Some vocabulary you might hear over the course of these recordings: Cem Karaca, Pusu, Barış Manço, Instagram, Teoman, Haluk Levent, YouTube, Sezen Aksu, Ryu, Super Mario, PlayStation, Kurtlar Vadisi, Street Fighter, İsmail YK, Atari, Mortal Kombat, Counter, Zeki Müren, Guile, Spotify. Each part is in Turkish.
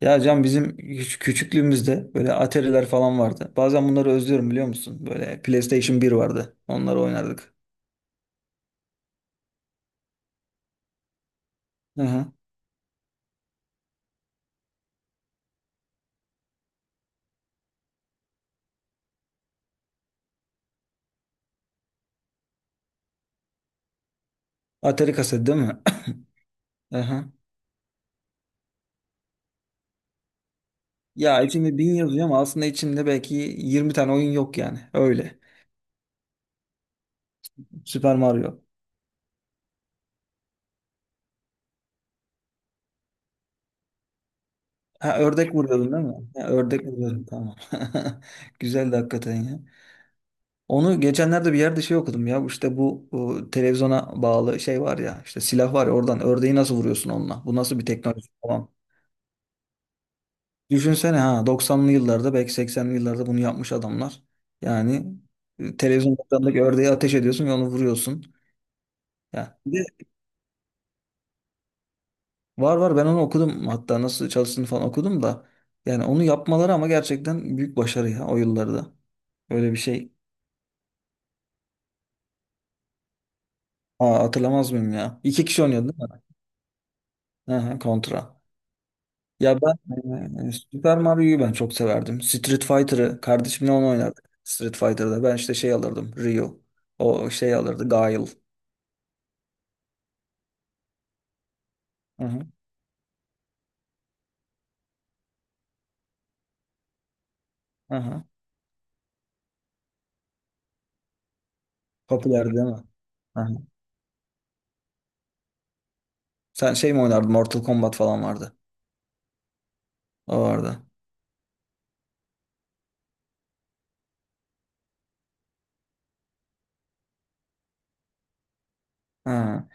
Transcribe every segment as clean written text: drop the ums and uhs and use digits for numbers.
Ya Can bizim küçüklüğümüzde böyle Atari'ler falan vardı. Bazen bunları özlüyorum biliyor musun? Böyle PlayStation bir vardı. Onları oynardık. Hı hı. Atari kaset değil mi? Hı hı. Ya içinde bin yazıyor ama aslında içinde belki 20 tane oyun yok yani. Öyle. Super Mario. Ha, ördek vuruyordun değil mi? Ha, ördek vuruyordun, tamam. Güzeldi hakikaten ya. Onu geçenlerde bir yerde şey okudum ya. İşte bu televizyona bağlı şey var ya. İşte silah var ya, oradan ördeği nasıl vuruyorsun onunla? Bu nasıl bir teknoloji falan. Düşünsene ha, doksanlı yıllarda belki seksenli yıllarda bunu yapmış adamlar. Yani televizyon ekranındaki ördeğe ateş ediyorsun ve onu vuruyorsun. Ya bir de var, ben onu okudum, hatta nasıl çalıştığını falan okudum da yani onu yapmaları ama gerçekten büyük başarı ya o yıllarda. Öyle bir şey. Aa, hatırlamaz mıyım ya? İki kişi oynuyordu değil mi? Hı hı, kontra. Ya ben Super Mario'yu ben çok severdim. Street Fighter'ı kardeşimle onu oynardık. Street Fighter'da ben işte şey alırdım. Ryu. O şey alırdı. Guile. Hı hı. Hı hı. Popüler değil mi? Aha. Sen şey mi oynardın? Mortal Kombat falan vardı. O vardı. Ha.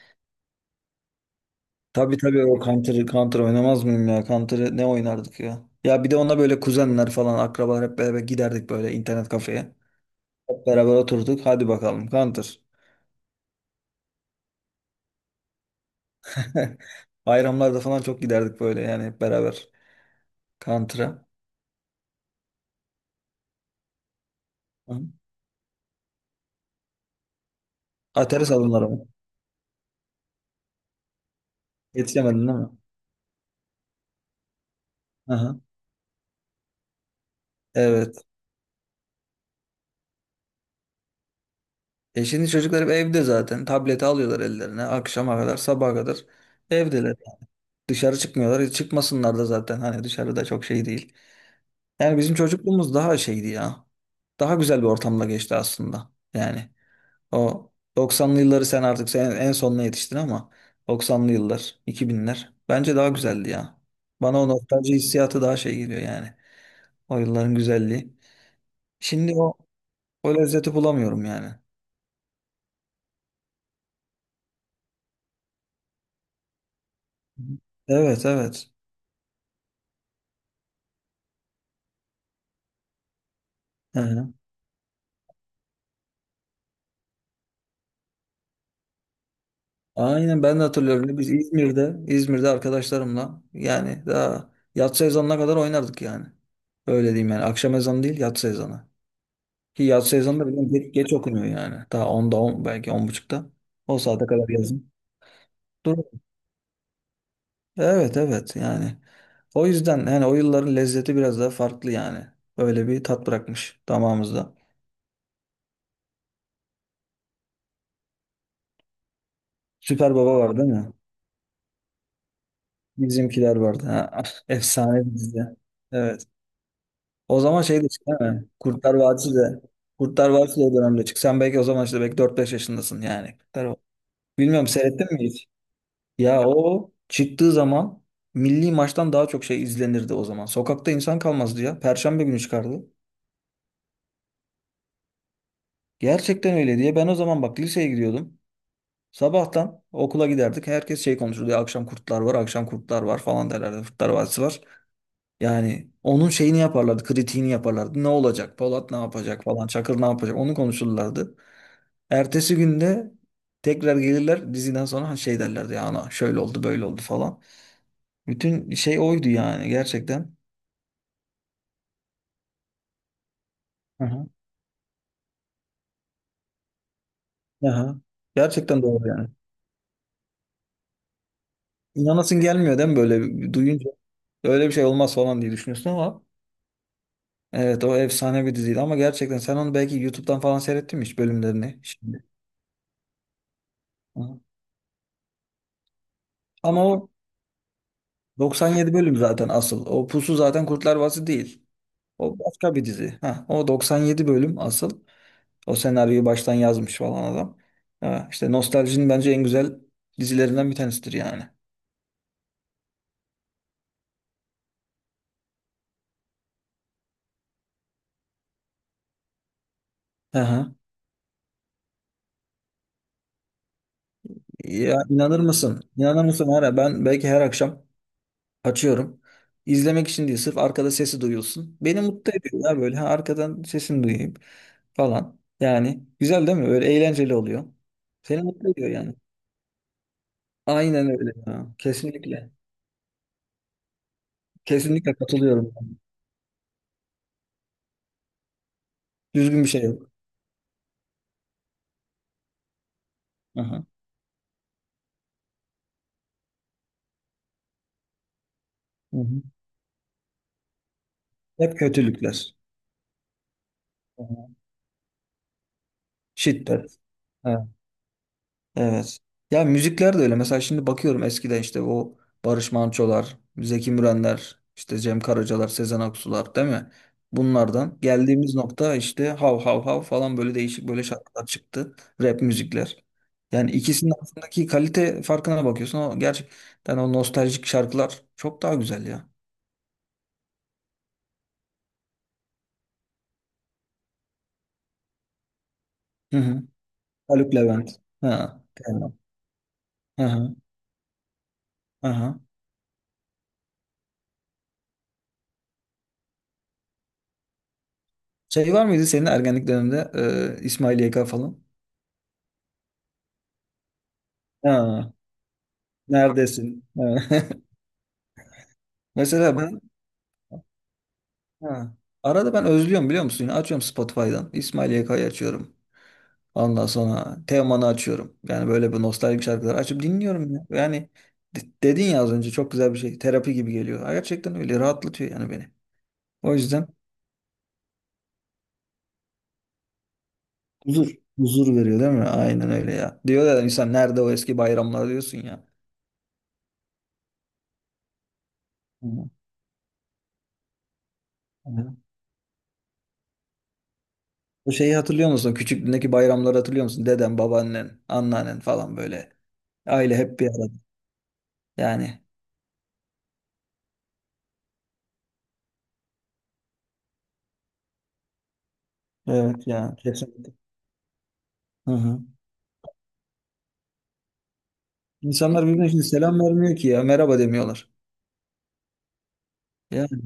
Tabii tabii, o Counter oynamaz mıyım ya? Counter ne oynardık ya? Ya bir de ona böyle kuzenler falan, akrabalar hep beraber giderdik böyle internet kafeye. Hep beraber oturduk. Hadi bakalım Counter. Bayramlarda falan çok giderdik böyle yani, hep beraber Counter'a. Hı. Atari salonları mı? Yetişemedin değil mi? Aha. Evet. E, şimdi çocuklar hep evde zaten. Tableti alıyorlar ellerine. Akşama kadar, sabaha kadar evdeler. Dışarı çıkmıyorlar. E, çıkmasınlar da zaten. Hani dışarıda çok şey değil. Yani bizim çocukluğumuz daha şeydi ya. Daha güzel bir ortamda geçti aslında. Yani o 90'lı yılları sen artık sen en sonuna yetiştin ama 90'lı yıllar, 2000'ler bence daha güzeldi ya. Bana o nostalji hissiyatı daha şey geliyor yani. O yılların güzelliği. Şimdi o, o lezzeti bulamıyorum yani. Evet, evet. Hı hı. Aynen, ben de hatırlıyorum. Biz İzmir'de, İzmir'de arkadaşlarımla yani daha yatsı ezanına kadar oynardık yani. Öyle diyeyim yani. Akşam ezanı değil, yatsı ezanı. Ki yatsı ezanı da biliyorum geç, geç okunuyor yani. Daha 10'da 10, belki 10.30'da. O saate kadar yazın. Dur. Evet, evet yani. O yüzden yani o yılların lezzeti biraz daha farklı yani. Öyle bir tat bırakmış damağımızda. Süper Baba var değil mi? Bizimkiler vardı. Ha, efsane bir dizi. Evet. O zaman şey de çıktı değil mi? Kurtlar Vadisi de. Kurtlar Vadisi de o dönemde çıktı. Sen belki o zaman işte belki dört beş yaşındasın yani. Kurtlar Vadisi. Bilmiyorum, seyrettin mi hiç? Ya o çıktığı zaman milli maçtan daha çok şey izlenirdi o zaman. Sokakta insan kalmazdı ya. Perşembe günü çıkardı. Gerçekten öyle diye. Ben o zaman bak liseye gidiyordum. Sabahtan okula giderdik. Herkes şey konuşurdu. Ya, akşam kurtlar var, akşam kurtlar var falan derlerdi. Kurtlar Vadisi var. Yani onun şeyini yaparlardı, kritiğini yaparlardı. Ne olacak? Polat ne yapacak falan, Çakır ne yapacak? Onu konuşurlardı. Ertesi günde tekrar gelirler diziden sonra, hani şey derlerdi ya, ana şöyle oldu böyle oldu falan. Bütün şey oydu yani gerçekten. Hı hı. Aha. Gerçekten doğru yani. İnanasın gelmiyor değil mi, böyle duyunca? Öyle bir şey olmaz falan diye düşünüyorsun ama evet, o efsane bir diziydi ama gerçekten sen onu belki YouTube'dan falan seyrettin mi hiç bölümlerini şimdi? Hı. Ama o 97 bölüm zaten asıl. O Pusu zaten Kurtlar Vadisi değil. O başka bir dizi. Ha, o 97 bölüm asıl. O senaryoyu baştan yazmış falan adam. Ha, işte nostaljinin bence en güzel dizilerinden bir tanesidir yani. Aha. Ya inanır mısın? İnanır mısın? Her, ben belki her akşam açıyorum. İzlemek için değil, sırf arkada sesi duyulsun. Beni mutlu ediyor ya böyle. Ha, arkadan sesini duyayım falan. Yani güzel değil mi? Böyle eğlenceli oluyor. Seni mutlu ediyor yani. Aynen öyle ya. Kesinlikle. Kesinlikle katılıyorum. Düzgün bir şey yok. Aha. Hı hı. Hep kötülükler. Aha. Şiddet. Evet. Ya müzikler de öyle. Mesela şimdi bakıyorum eskiden işte o Barış Manço'lar, Zeki Mürenler, işte Cem Karacalar, Sezen Aksu'lar değil mi? Bunlardan geldiğimiz nokta işte hav hav hav falan, böyle değişik böyle şarkılar çıktı. Rap müzikler. Yani ikisinin arasındaki kalite farkına bakıyorsun. O gerçekten, o nostaljik şarkılar çok daha güzel ya. Hı hı. Haluk Levent. Ha. Teğmen. Hı hı. Hı hı. Şey var mıydı senin ergenlik döneminde İsmail YK falan? Ha. Neredesin? Evet. Mesela ben, ha, arada ben özlüyorum biliyor musun? Yine açıyorum Spotify'dan. İsmail YK'yı açıyorum. Ondan sonra Teoman'ı açıyorum. Yani böyle bir nostaljik şarkılar açıp dinliyorum ya. Yani dedin ya az önce, çok güzel bir şey. Terapi gibi geliyor. Gerçekten öyle rahatlatıyor yani beni. O yüzden huzur huzur veriyor değil mi? Aynen öyle ya. Diyor ya insan, nerede o eski bayramlar diyorsun ya. Hı. Hı. O şeyi hatırlıyor musun? Küçüklüğündeki bayramları hatırlıyor musun? Deden, babaannen, anneannen falan böyle. Aile hep bir arada. Yani evet ya, kesinlikle. Hı hı. İnsanlar birbirine şimdi selam vermiyor ki ya. Merhaba demiyorlar. Yani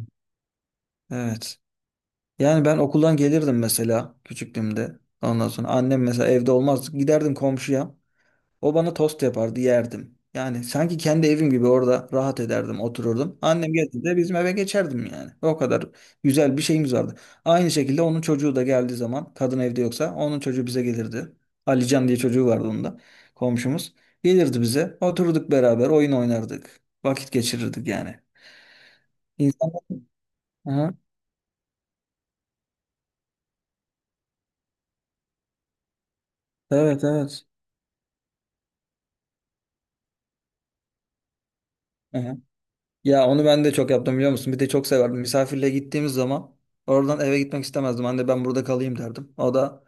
evet. Yani ben okuldan gelirdim mesela küçüklüğümde. Ondan sonra annem mesela evde olmaz, giderdim komşuya. O bana tost yapardı, yerdim. Yani sanki kendi evim gibi orada rahat ederdim, otururdum. Annem geldiğinde bizim eve geçerdim yani. O kadar güzel bir şeyimiz vardı. Aynı şekilde onun çocuğu da geldiği zaman, kadın evde yoksa onun çocuğu bize gelirdi. Alican diye çocuğu vardı onun da, komşumuz. Gelirdi bize, oturduk beraber, oyun oynardık. Vakit geçirirdik yani. İnsanlar... Aha, evet, evet. Aha. Ya onu ben de çok yaptım biliyor musun? Bir de çok severdim. Misafirliğe gittiğimiz zaman oradan eve gitmek istemezdim. Anne, ben burada kalayım derdim. O da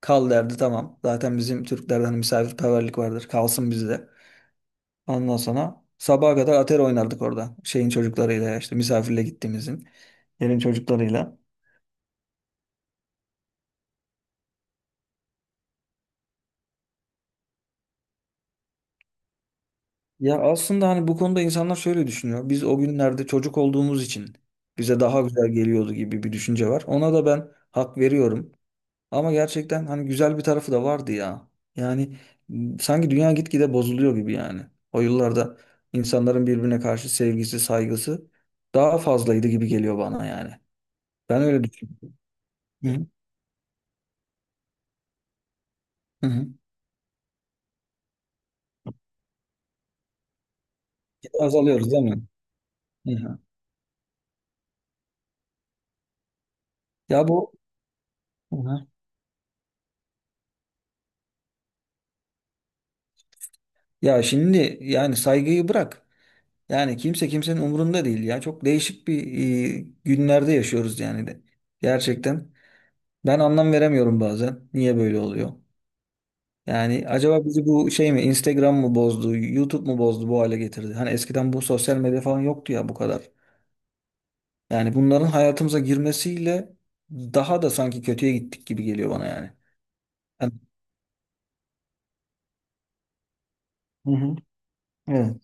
kal derdi, tamam. Zaten bizim Türklerden hani misafirperverlik vardır. Kalsın bizde. Ondan sonra sabaha kadar atari oynardık orada. Şeyin çocuklarıyla ya, işte misafirliğe gittiğimizin. Yerin çocuklarıyla. Ya aslında hani bu konuda insanlar şöyle düşünüyor. Biz o günlerde çocuk olduğumuz için bize daha güzel geliyordu gibi bir düşünce var. Ona da ben hak veriyorum. Ama gerçekten hani güzel bir tarafı da vardı ya. Yani sanki dünya gitgide bozuluyor gibi yani. O yıllarda insanların birbirine karşı sevgisi, saygısı daha fazlaydı gibi geliyor bana yani. Ben öyle düşünüyorum. Hı hı. Hı hı. Azalıyoruz değil mi? Hı hı. Ya bu, hı hı, ya şimdi yani saygıyı bırak. Yani kimse kimsenin umurunda değil ya. Çok değişik bir günlerde yaşıyoruz yani de. Gerçekten. Ben anlam veremiyorum bazen. Niye böyle oluyor? Yani acaba bizi bu şey mi, Instagram mı bozdu, YouTube mu bozdu, bu hale getirdi? Hani eskiden bu sosyal medya falan yoktu ya bu kadar. Yani bunların hayatımıza girmesiyle daha da sanki kötüye gittik gibi geliyor bana yani. Yani- Hı hı. Evet.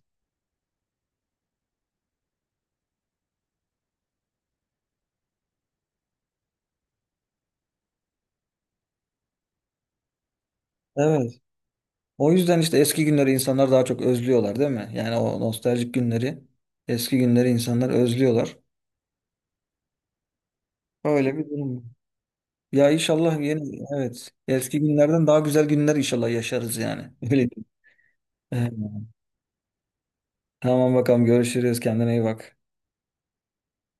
Evet. O yüzden işte eski günleri insanlar daha çok özlüyorlar değil mi? Yani o nostaljik günleri, eski günleri insanlar özlüyorlar. Öyle bir durum. Ya inşallah yeni, evet, eski günlerden daha güzel günler inşallah yaşarız yani. Öyle diyeyim. Evet. Tamam bakalım, görüşürüz, kendine iyi bak.